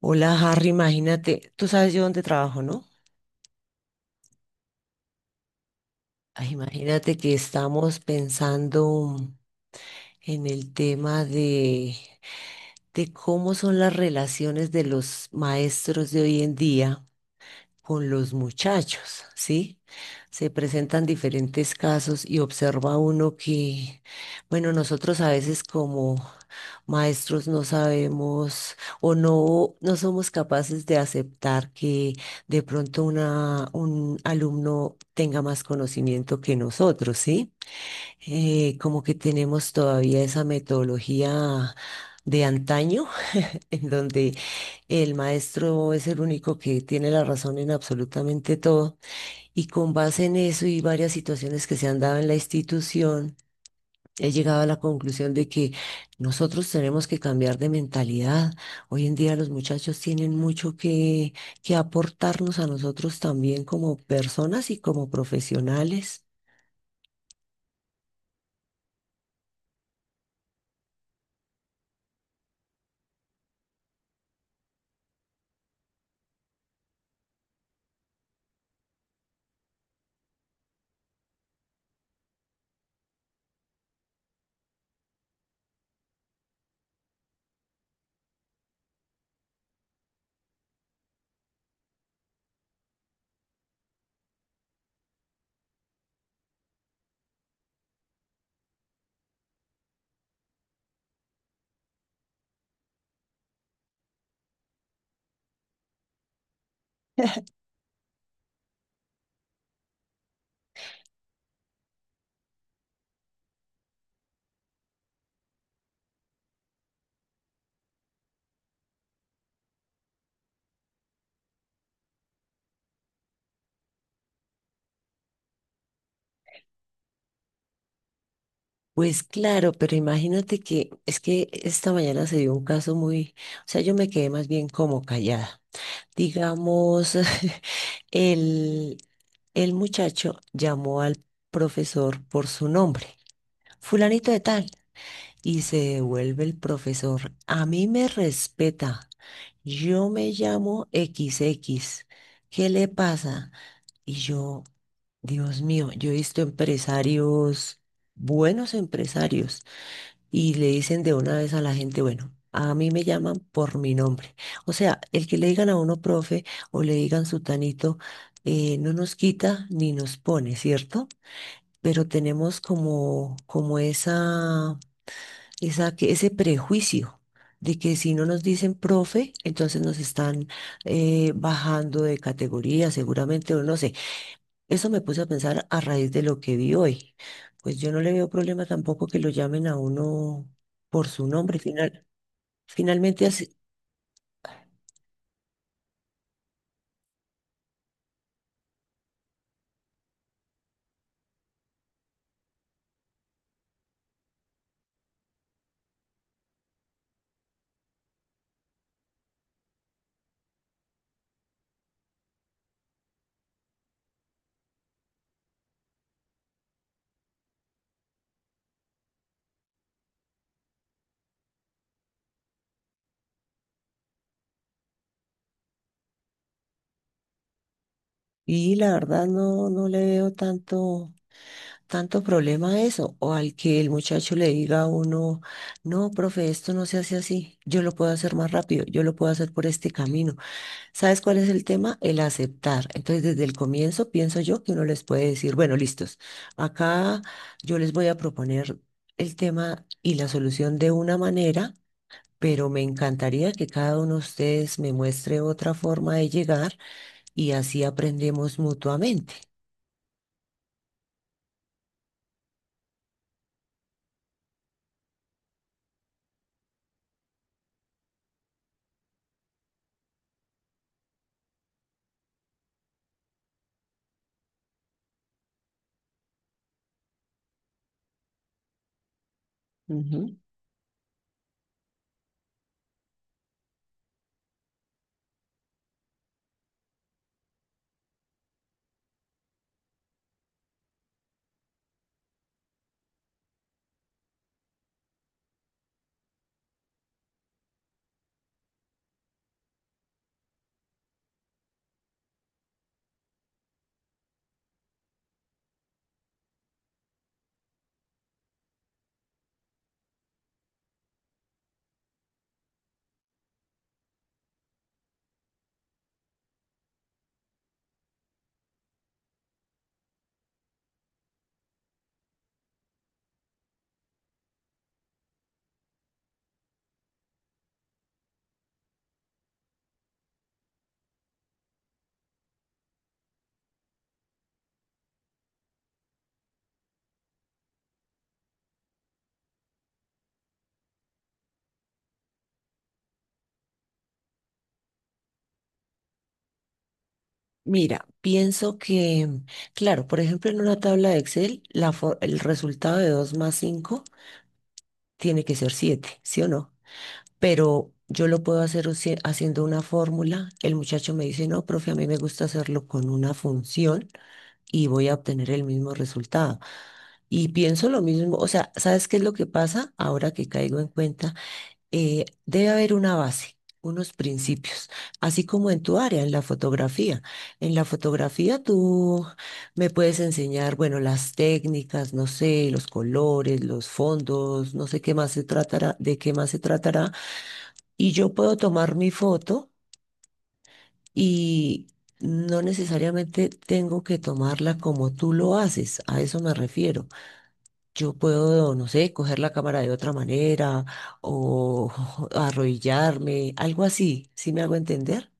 Hola Harry, imagínate, tú sabes yo dónde trabajo, ¿no? Ay, imagínate que estamos pensando en el tema de cómo son las relaciones de los maestros de hoy en día con los muchachos, ¿sí? Se presentan diferentes casos y observa uno que, bueno, nosotros a veces como maestros no sabemos o no somos capaces de aceptar que de pronto una, un alumno tenga más conocimiento que nosotros, ¿sí? Como que tenemos todavía esa metodología de antaño en donde el maestro es el único que tiene la razón en absolutamente todo. Y con base en eso y varias situaciones que se han dado en la institución, he llegado a la conclusión de que nosotros tenemos que cambiar de mentalidad. Hoy en día los muchachos tienen mucho que aportarnos a nosotros también como personas y como profesionales. Pues claro, pero imagínate que es que esta mañana se dio un caso muy, o sea, yo me quedé más bien como callada. Digamos, el, el muchacho llamó al profesor por su nombre, fulanito de tal, y se devuelve el profesor. A mí me respeta, yo me llamo XX, ¿qué le pasa? Y yo, Dios mío, yo he visto empresarios, buenos empresarios, y le dicen de una vez a la gente, bueno, a mí me llaman por mi nombre. O sea, el que le digan a uno profe o le digan sutanito, no nos quita ni nos pone, ¿cierto? Pero tenemos como, como ese prejuicio de que si no nos dicen profe, entonces nos están bajando de categoría, seguramente, o no sé. Eso me puse a pensar a raíz de lo que vi hoy. Pues yo no le veo problema tampoco que lo llamen a uno por su nombre final. Finalmente así. Y la verdad no le veo tanto problema a eso. O al que el muchacho le diga a uno, no, profe, esto no se hace así. Yo lo puedo hacer más rápido, yo lo puedo hacer por este camino. ¿Sabes cuál es el tema? El aceptar. Entonces, desde el comienzo pienso yo que uno les puede decir, bueno, listos, acá yo les voy a proponer el tema y la solución de una manera, pero me encantaría que cada uno de ustedes me muestre otra forma de llegar y así aprendemos mutuamente. Ujú. Mira, pienso que, claro, por ejemplo, en una tabla de Excel, el resultado de 2 más 5 tiene que ser 7, ¿sí o no? Pero yo lo puedo hacer haciendo una fórmula. El muchacho me dice, no, profe, a mí me gusta hacerlo con una función, y voy a obtener el mismo resultado. Y pienso lo mismo, o sea, ¿sabes qué es lo que pasa? Ahora que caigo en cuenta, debe haber una base, unos principios, así como en tu área, en la fotografía. En la fotografía tú me puedes enseñar, bueno, las técnicas, no sé, los colores, los fondos, no sé qué más se tratará, de qué más se tratará, y yo puedo tomar mi foto y no necesariamente tengo que tomarla como tú lo haces, a eso me refiero. Yo puedo, no sé, coger la cámara de otra manera o arrodillarme, algo así, ¿sí me hago entender?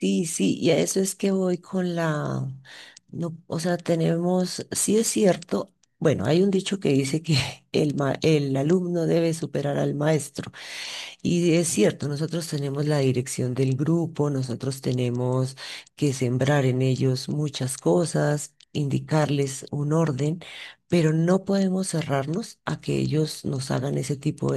Sí, sí, y a eso es que voy con la, no, o sea, tenemos, sí es cierto, bueno, hay un dicho que dice que el alumno debe superar al maestro, y es cierto, nosotros tenemos la dirección del grupo, nosotros tenemos que sembrar en ellos muchas cosas, indicarles un orden, pero no podemos cerrarnos a que ellos nos hagan ese tipo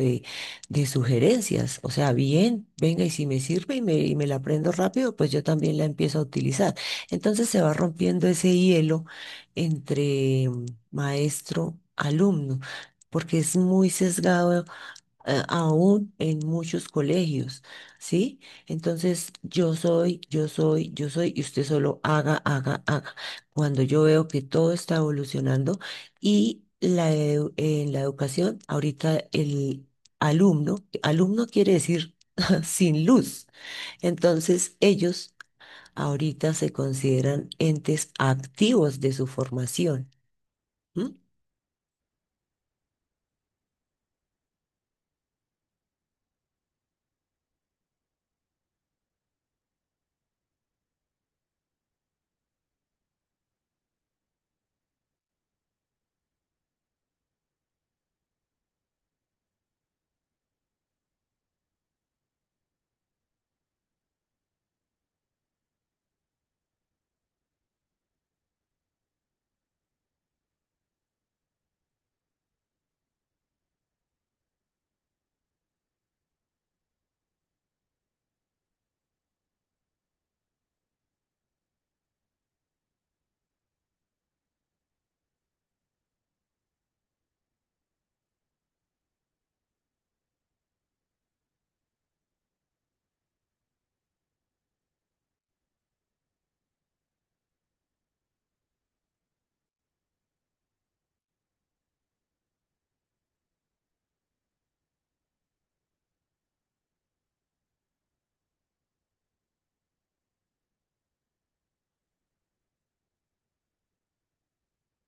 de sugerencias. O sea, bien, venga, y si me sirve y me la aprendo rápido, pues yo también la empiezo a utilizar. Entonces se va rompiendo ese hielo entre maestro, alumno, porque es muy sesgado aún en muchos colegios, ¿sí? Entonces, yo soy, y usted solo haga, haga, haga. Cuando yo veo que todo está evolucionando y en la educación, ahorita el alumno, alumno quiere decir sin luz. Entonces, ellos ahorita se consideran entes activos de su formación. ¿M?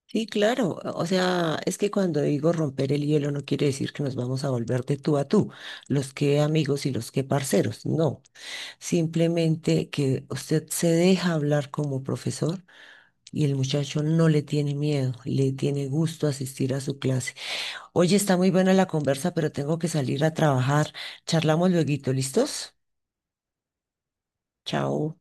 Sí, claro. O sea, es que cuando digo romper el hielo no quiere decir que nos vamos a volver de tú a tú, los que amigos y los que parceros. No, simplemente que usted se deja hablar como profesor y el muchacho no le tiene miedo, le tiene gusto asistir a su clase. Oye, está muy buena la conversa, pero tengo que salir a trabajar. Charlamos lueguito, ¿listos? Chao.